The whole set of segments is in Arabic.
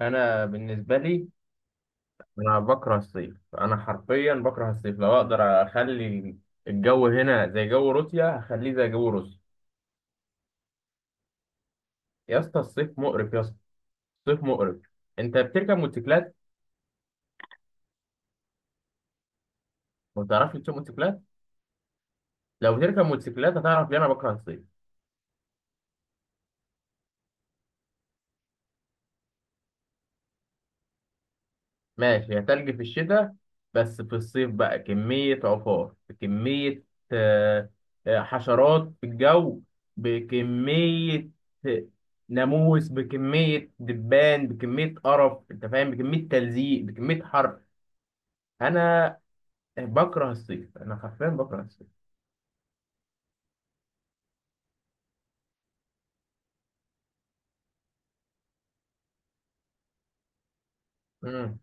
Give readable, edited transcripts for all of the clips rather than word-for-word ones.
انا بالنسبه لي. انا بكره الصيف، انا حرفيا بكره الصيف. لو اقدر اخلي الجو هنا زي جو روسيا هخليه زي جو روسيا. يا اسطى الصيف مقرف يا اسطى الصيف مقرف. انت بتركب موتوسيكلات؟ ما بتعرفش تسوق موتوسيكلات؟ لو بتركب موتوسيكلات هتعرف ليه انا بكره الصيف. ماشي، هي تلج في الشتاء، بس في الصيف بقى كمية عفار، بكمية آه، حشرات في الجو، بكمية آه، ناموس، بكمية دبان، بكمية قرف انت فاهم، بكمية تلزيق، بكمية حر. انا بكره الصيف، انا حرفيا بكره الصيف. امم.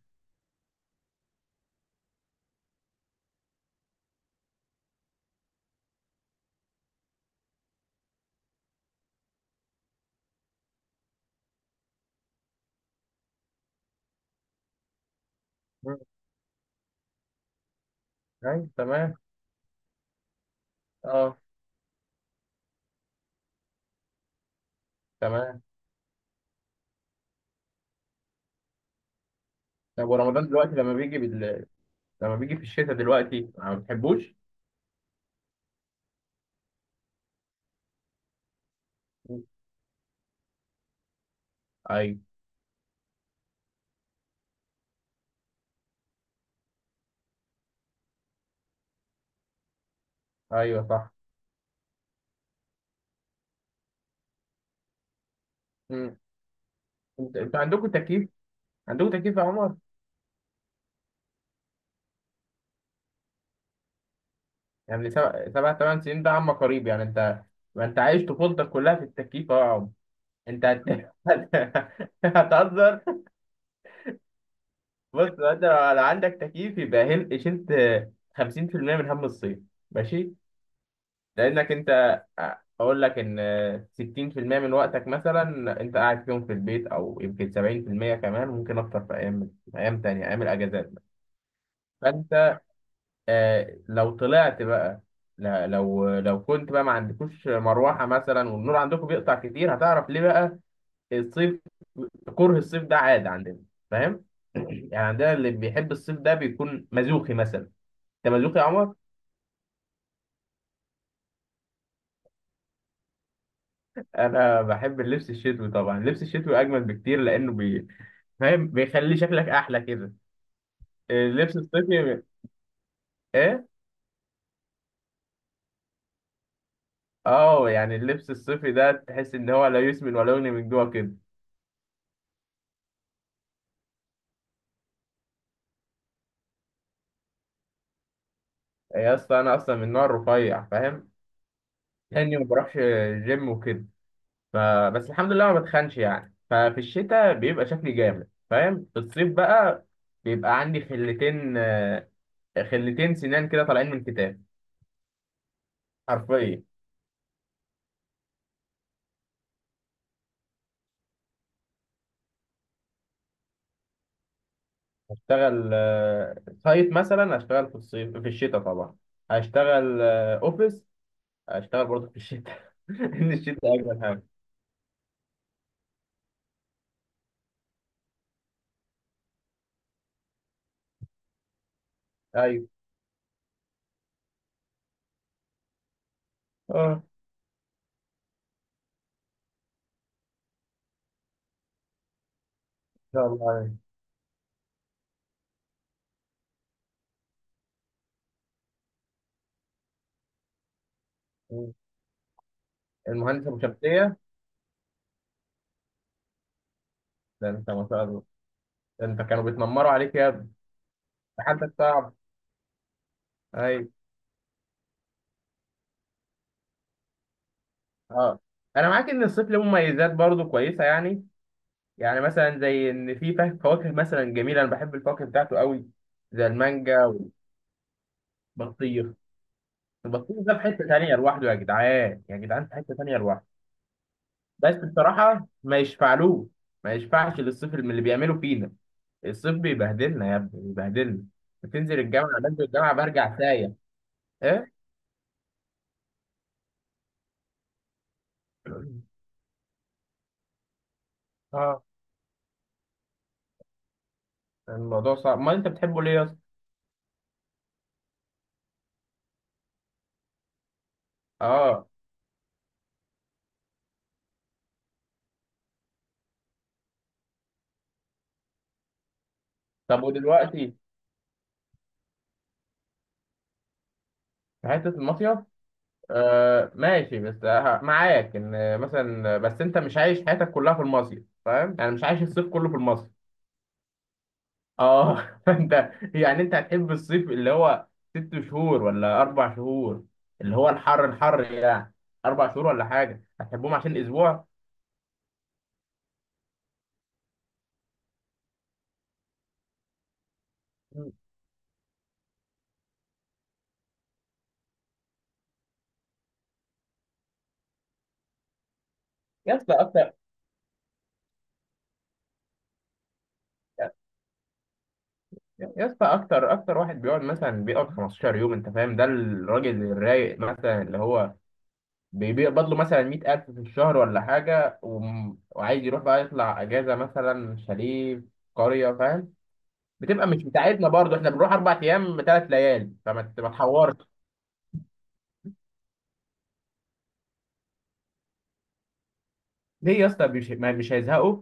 ايوه تمام. اه تمام. طب ورمضان دلوقتي لما بيجي في الشتاء دلوقتي ما بتحبوش؟ مم. ايوه. ايوه صح. مم. انتوا عندكم تكييف؟ عندكم تكييف يا عمر؟ يعني سبع سبع ثمان سنين ده عم قريب يعني انت؟ ما انت عايش طفولتك كلها في التكييف أهو يا عمر. انت هت... هتهزر. بص انت لو عندك تكييف يبقى شلت 50% من هم الصيف، ماشي. لانك انت اقول لك ان 60% من وقتك مثلا انت قاعد فيهم في البيت، او يمكن 70% كمان، ممكن اكتر في ايام، ايام تانية، ايام الاجازات. فانت لو طلعت بقى، لا لو كنت بقى ما عندكوش مروحة مثلا والنور عندكم بيقطع كتير هتعرف ليه بقى الصيف. كره الصيف ده عادة عندنا، فاهم؟ يعني عندنا اللي بيحب الصيف ده بيكون مزوخي مثلا. انت مزوخي يا عمر؟ انا بحب اللبس الشتوي طبعا، اللبس الشتوي اجمل بكتير لانه فاهم بيخلي شكلك احلى كده. اللبس الصيفي ايه. اه يعني اللبس الصيفي ده تحس ان هو لا يسمن ولا يغني من جوه كده. يا اسطى انا اصلا من نوع رفيع، فاهم، لاني ما بروحش جيم وكده. فبس الحمد لله ما بتخنش يعني. ففي الشتاء بيبقى شكلي جامد فاهم، في الصيف بقى بيبقى عندي خلتين سنان كده طالعين من كتاب، حرفيا. اشتغل سايت مثلا؟ اشتغل في الصيف. في الشتاء طبعا هشتغل اوفيس، اشتغل برضه في الشتاء. ان الشتاء اجمل حاجه. ايوه. اه ان شاء الله عليك. المهندس ابو شمسيه. ده انت ما شاء الله، ده انت كانوا بيتنمروا عليك يا ابني. ده حالتك صعب. ايوه. اه. انا معاك ان الصيف له مميزات برضو كويسه يعني. يعني مثلا زي ان في فواكه مثلا جميله، انا بحب الفواكه بتاعته قوي، زي المانجا والبطيخ. البطيخ ده في حته تانيه لوحده، يا جدعان، يا جدعان في حته تانيه لوحده. بس بصراحه ما يشفعلوش، ما يشفعش للصيف اللي بيعملوا فينا. الصيف بيبهدلنا يا ابني بيبهدلنا. بتنزل الجامعه بنزل الجامعه برجع سايح. ايه. اه، الموضوع صعب. ما انت بتحبه ليه يا اسطى؟ اه طب ودلوقتي في حته المصيف. آه ماشي، بس معاك ان مثلا، بس انت مش عايش حياتك كلها في المصيف فاهم، يعني مش عايش الصيف كله في المصيف. اه فانت يعني انت هتحب الصيف اللي هو 6 شهور ولا 4 شهور، اللي هو الحر الحر يعني، 4 شهور ولا حاجه هتحبهم عشان اسبوع. يا اسطى اكتر. يا اسطى اكتر اكتر واحد بيقعد 15 يوم انت فاهم، ده الراجل الرايق مثلا اللي هو بيقبض له مثلا 100 ألف في الشهر ولا حاجة، وعايز يروح بقى يطلع أجازة مثلا شاليه في قرية، فاهم. بتبقى مش بتاعتنا برضه، احنا بنروح 4 أيام 3 ليالي ما تحورش. ليه يا اسطى، مش هيزهقوا؟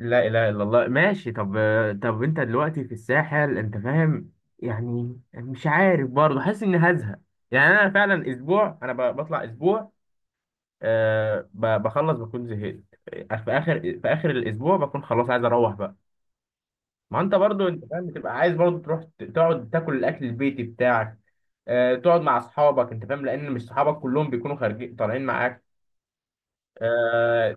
لا اله الا الله. ماشي طب، انت دلوقتي في الساحل انت فاهم، يعني مش عارف برضه حاسس اني هزهق. يعني انا فعلا اسبوع، انا بطلع اسبوع، أه بخلص بكون زهقت في اخر الاسبوع، بكون خلاص عايز اروح بقى. ما انت برضو انت فاهم بتبقى عايز برضو تروح تقعد تاكل الاكل البيتي بتاعك، آه، تقعد مع اصحابك انت فاهم، لان مش صحابك كلهم بيكونوا خارجين طالعين معاك. آه.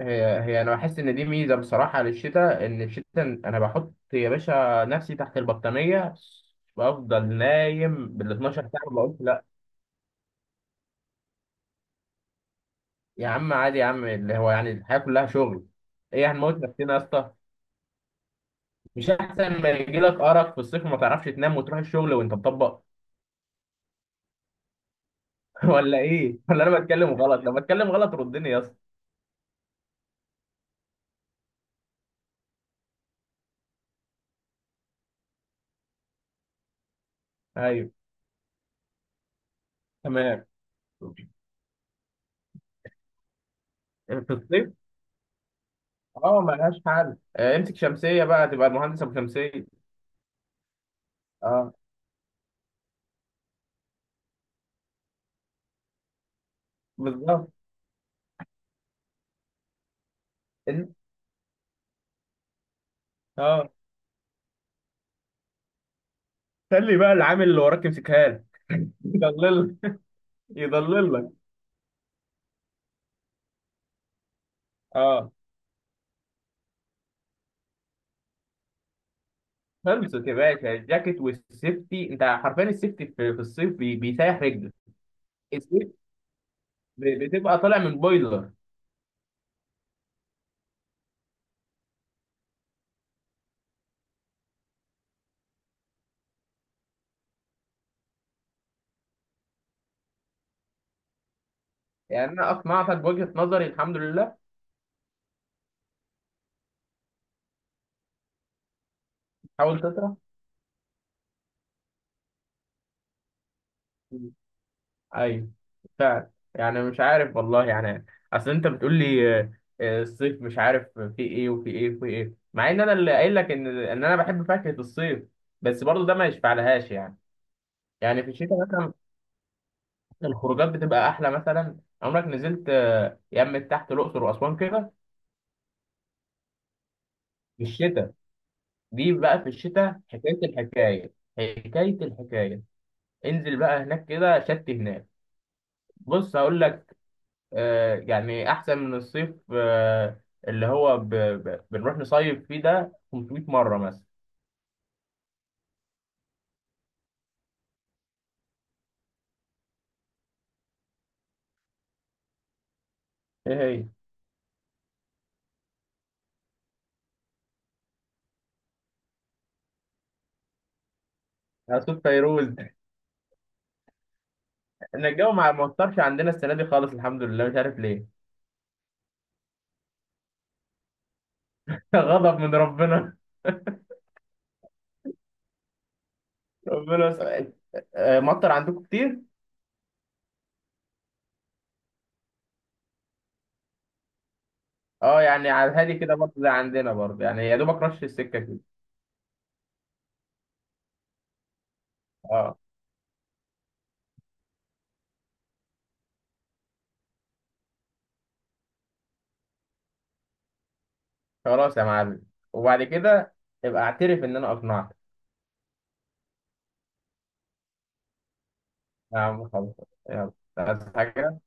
هي هي انا بحس ان دي ميزه بصراحه للشتاء، ان الشتاء انا بحط يا باشا نفسي تحت البطانيه بفضل نايم بال 12 ساعه، بقول لا. يا عم عادي يا عم، اللي هو يعني الحياه كلها شغل، ايه هنموت نفسنا يا اسطى؟ مش احسن ما يجيلك ارق في الصيف وما تعرفش تنام وتروح الشغل وانت مطبق؟ ولا ايه، ولا انا بتكلم غلط؟ لو بتكلم غلط ردني يا اسطى. ايوه تمام. في الصيف. اه ملهاش حل. امسك شمسيه بقى تبقى المهندس ابو شمسيه. اه بالظبط. إن- اه. خلي بقى العامل اللي وراك يمسكها لك. يضلل، يضلل لك. اه خلصت يا باشا، الجاكيت والسيفتي انت حرفيا، السيفتي في الصيف بيسيح رجلك. السيف بتبقى طالع من بويلر. يعني انا اقنعتك بوجهه نظري الحمد لله. حاول تطرح. ايوه فعلا، يعني مش عارف والله يعني. اصل انت بتقول لي الصيف مش عارف في ايه وفي ايه وفي ايه، مع ان انا اللي قايل لك ان انا بحب فاكهة الصيف، بس برضو ده ما يشفعلهاش يعني. يعني في الشتاء مثلا الخروجات بتبقى احلى مثلا. عمرك نزلت يمة تحت الاقصر واسوان كده في الشتاء؟ دي بقى في الشتاء حكاية الحكاية، حكاية الحكاية. انزل بقى هناك كده شت هناك. بص هقول لك، يعني احسن من الصيف اللي هو بنروح نصيف فيه ده 500 مره مثلا. ايه هي؟ صيف فيروز. ان الجو ما اثرش عندنا السنه دي خالص، الحمد لله مش عارف ليه. غضب من ربنا. ربنا س- مطر عندكم كتير؟ اه يعني على الهادي كده برضه زي عندنا برضه يعني، يا دوبك رش السكه كده. اه خلاص يا معلم، وبعد كده ابقى اعترف ان انا اقنعتك. يا عم خلاص، يلا. عايز حاجه؟